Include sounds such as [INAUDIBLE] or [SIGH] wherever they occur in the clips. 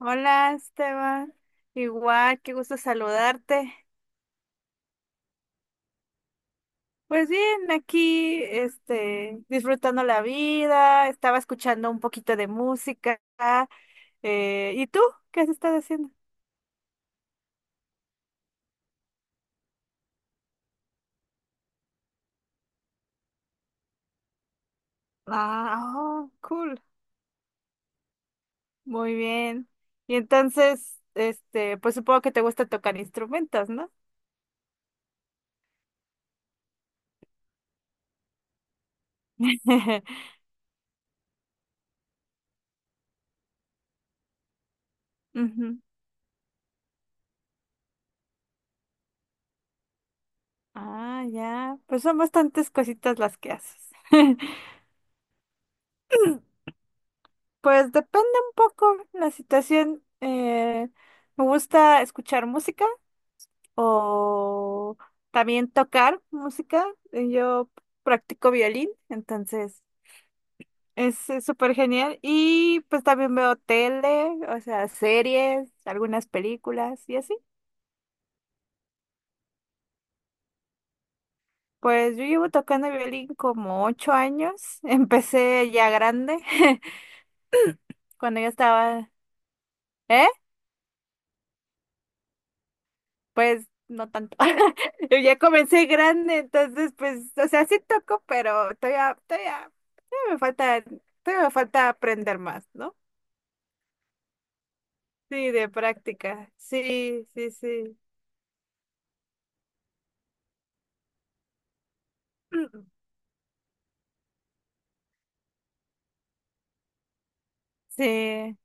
Hola Esteban, igual, qué gusto saludarte. Pues bien, aquí, disfrutando la vida, estaba escuchando un poquito de música. ¿Y tú? ¿Qué has estado haciendo? Ah, oh, cool, muy bien. Y entonces, pues supongo que te gusta tocar instrumentos, ¿no? [LAUGHS] Ujú. Ah, ya, pues son bastantes cositas las que haces. [LAUGHS] Pues depende un poco la situación. Me gusta escuchar música o también tocar música. Yo practico violín, entonces es súper genial. Y pues también veo tele, o sea, series, algunas películas y así. Pues yo llevo tocando violín como 8 años. [LAUGHS] Empecé ya grande, [LAUGHS] cuando ya estaba... ¿Eh? Pues no tanto. [LAUGHS] Yo ya comencé grande, entonces pues, o sea, sí toco, pero todavía me falta, todavía me falta aprender más, ¿no? Sí, de práctica. Sí, sí, sí. [CLEARS THROAT] Sí,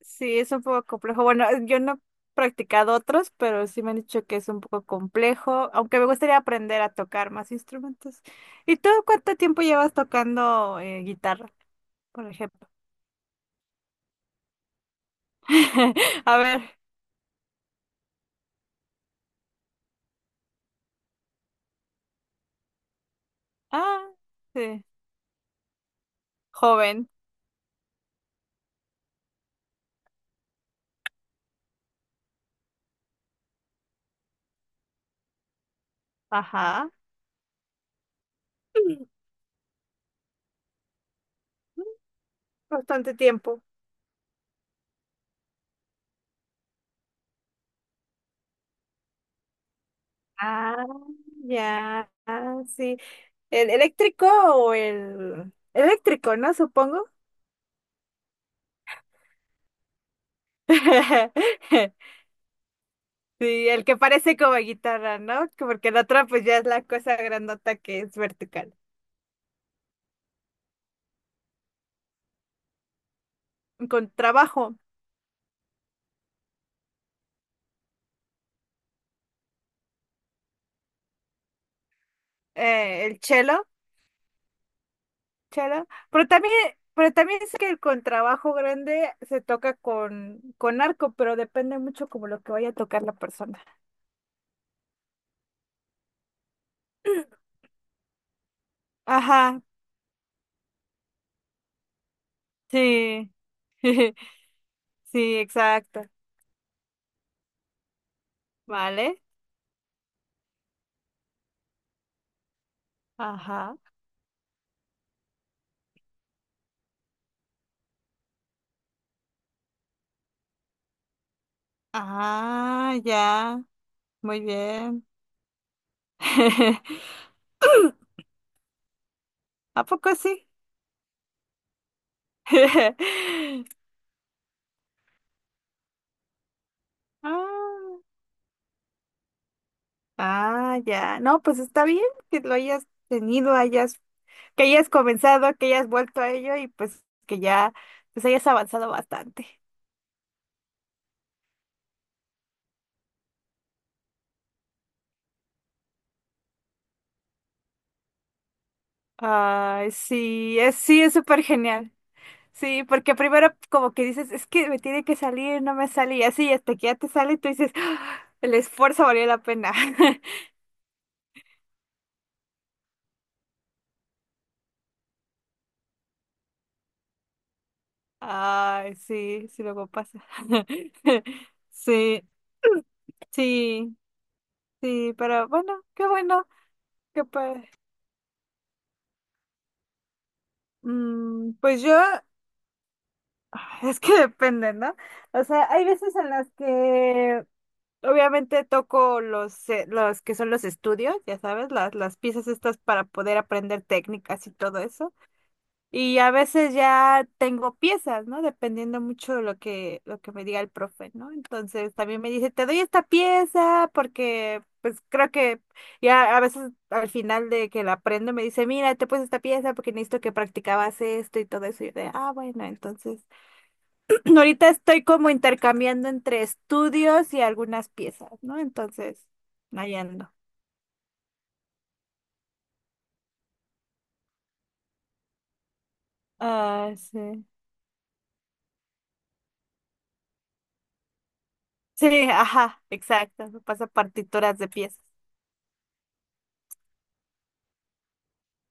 sí, es un poco complejo. Bueno, yo no he practicado otros, pero sí me han dicho que es un poco complejo, aunque me gustaría aprender a tocar más instrumentos. ¿Y tú cuánto tiempo llevas tocando guitarra, por ejemplo? [LAUGHS] A ver. Ah, sí. Joven, ajá. [LAUGHS] Bastante tiempo. Ah, ya, ah, sí. ¿El eléctrico o el eléctrico, ¿no? Supongo. [LAUGHS] Sí, el que parece como guitarra, ¿no? Que Porque el otro pues ya es la cosa grandota que es vertical. Contrabajo, el cello, cello, pero también sé que el contrabajo grande se toca con arco, pero depende mucho como lo que vaya a tocar la persona. Ajá, sí, [LAUGHS] sí, exacto. ¿Vale? Ajá. Ah, ya. Muy bien. [LAUGHS] ¿A poco sí? [LAUGHS] Ah, ah, ya. No, pues está bien que lo hayas tenido, hayas, que hayas comenzado, que hayas vuelto a ello y pues que ya, pues hayas avanzado bastante. Ay, sí, es súper genial. Sí, porque primero como que dices, es que me tiene que salir, no me sale, y así hasta que ya te sale, y tú dices, "Ah, el esfuerzo valió la pena". [LAUGHS] Ay, sí, sí luego pasa. [LAUGHS] Sí, sí, sí, pero bueno, qué pues, mm, pues yo, [SIGHS] es que depende, ¿no? O sea, hay veces en las que obviamente toco los que son los estudios, ya sabes, las piezas estas para poder aprender técnicas y todo eso. Y a veces ya tengo piezas, ¿no? Dependiendo mucho de lo que me diga el profe, ¿no? Entonces también me dice, te doy esta pieza porque pues creo que ya a veces al final de que la aprendo me dice, mira, te puse esta pieza porque necesito que practicabas esto y todo eso. Y yo de, ah, bueno, entonces [CLEARS THROAT] ahorita estoy como intercambiando entre estudios y algunas piezas, ¿no? Entonces, ahí ando. Ah, sí. Sí, ajá, exacto. Me pasa partituras de piezas.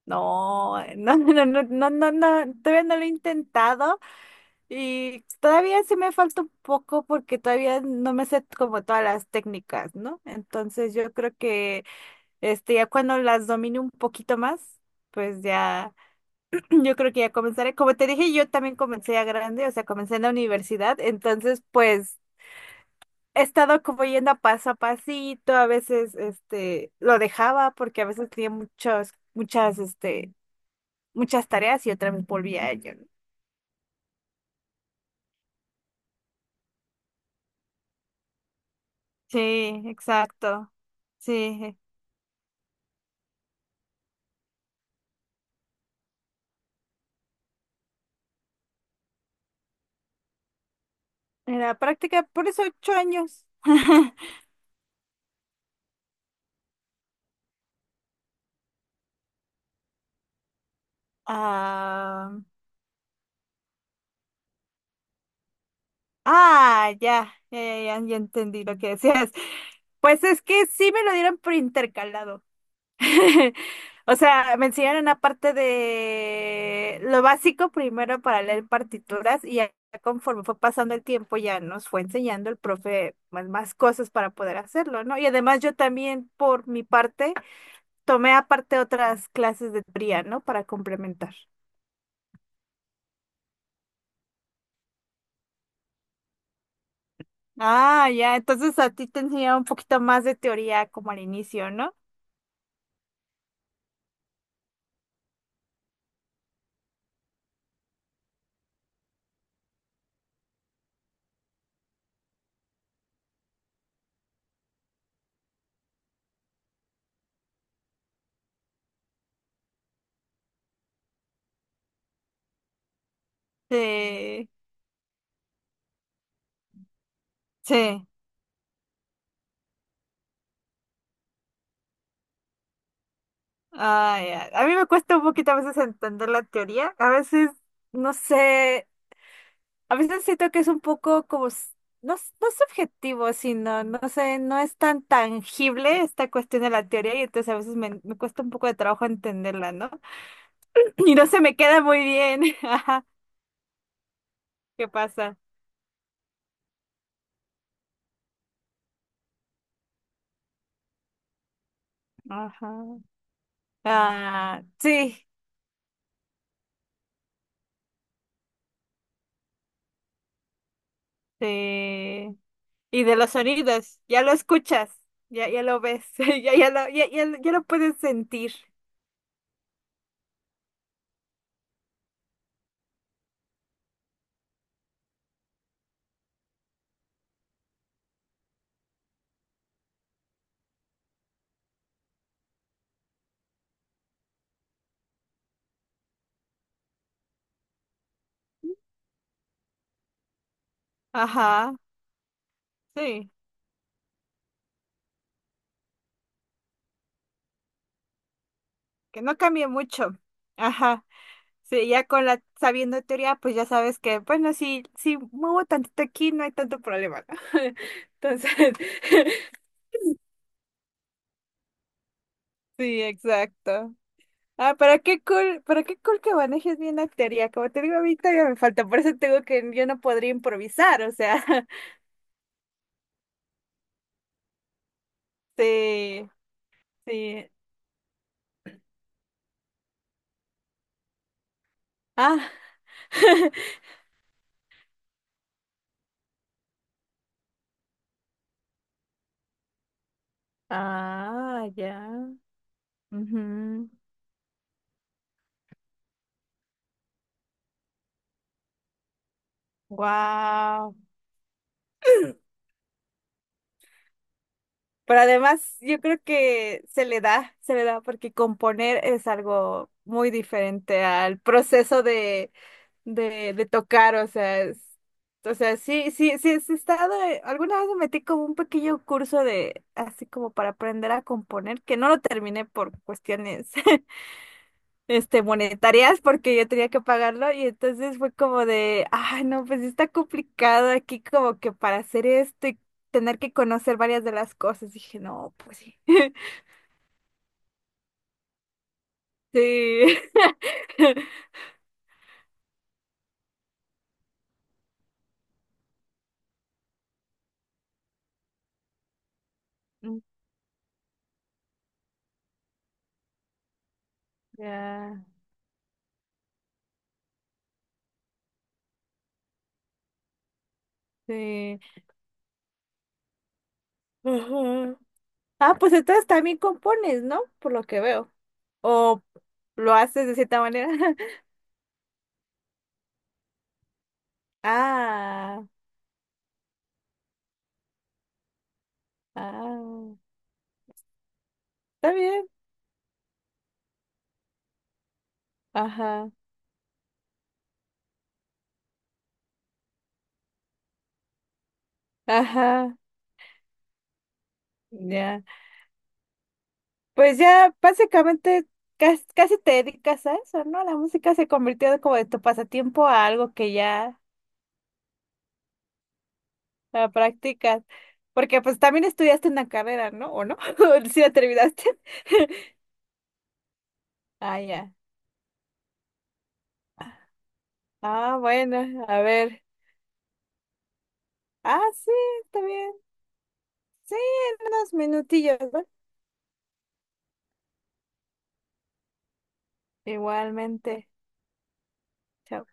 No, no, [LAUGHS] no, no, no, no, no, todavía no lo he intentado y todavía sí me falta un poco porque todavía no me sé como todas las técnicas, ¿no? Entonces yo creo que ya cuando las domine un poquito más, pues ya [CLEARS THROAT] yo creo que ya comenzaré. Como te dije, yo también comencé a grande, o sea, comencé en la universidad, entonces pues he estado como yendo a paso a pasito, a veces lo dejaba porque a veces tenía muchos muchas muchas tareas y otra vez volví a ello, ¿no? Sí, exacto. Sí. Era práctica por eso 8 años. [LAUGHS] Ah, ah, ya entendí lo que decías. Pues es que sí me lo dieron por intercalado. [LAUGHS] O sea, me enseñaron la parte de lo básico primero para leer partituras y ya conforme fue pasando el tiempo ya nos fue enseñando el profe más, más cosas para poder hacerlo, ¿no? Y además yo también por mi parte tomé aparte otras clases de teoría, ¿no? Para complementar. Ah, ya, entonces a ti te enseñaba un poquito más de teoría como al inicio, ¿no? Sí, sí. Ah, ya. A mí me cuesta un poquito a veces entender la teoría. A veces, no sé, a veces siento que es un poco como, no, no subjetivo, sino, no sé, no es tan tangible esta cuestión de la teoría y entonces a veces me, me cuesta un poco de trabajo entenderla, ¿no? [CLEARS THROAT] Y no se me queda muy bien. [LAUGHS] Ajá. ¿Qué pasa? Ajá. Ah, sí, sí. Y de los sonidos, ya lo escuchas, ya, ya lo ves, [LAUGHS] ya, ya lo puedes sentir. Ajá, sí, que no cambie mucho. Ajá, sí, ya con la sabiendo teoría, pues ya sabes que, bueno, si, si muevo tantito aquí, no hay tanto problema, ¿no? [LAUGHS] Entonces, [LAUGHS] sí, exacto. Ah, pero qué cool que manejes bien la teoría. Como te digo, a mí todavía me falta, por eso tengo que, yo no podría improvisar, o sea. Sí, sí. Ah, [LAUGHS] ah, ya. Wow. Pero además yo creo que se le da porque componer es algo muy diferente al proceso de, de tocar, o sea, o sea, sí, sí, sí, sí he estado, alguna vez me metí como un pequeño curso de, así como para aprender a componer, que no lo terminé por cuestiones [LAUGHS] monetarias porque yo tenía que pagarlo y entonces fue como de, ay, no, pues sí está complicado aquí como que para hacer esto y tener que conocer varias de las cosas. Dije, no, pues sí. [LAUGHS] Sí. Mm, ya, sí. Ujú. Ah, pues entonces también compones, ¿no? Por lo que veo. O lo haces de cierta manera. [LAUGHS] Ah, ah, está bien. Ajá, ajá, ya. Pues ya básicamente casi, casi te dedicas a eso, ¿no? La música se convirtió como de tu pasatiempo a algo que ya la practicas. Porque pues también estudiaste una carrera, ¿no? ¿O no? [LAUGHS] ¿Sí la terminaste? [LAUGHS] Ah, ya. Ah, bueno, a ver. Ah, sí, está bien. Sí, en unos minutillos, ¿no? Igualmente. Chao.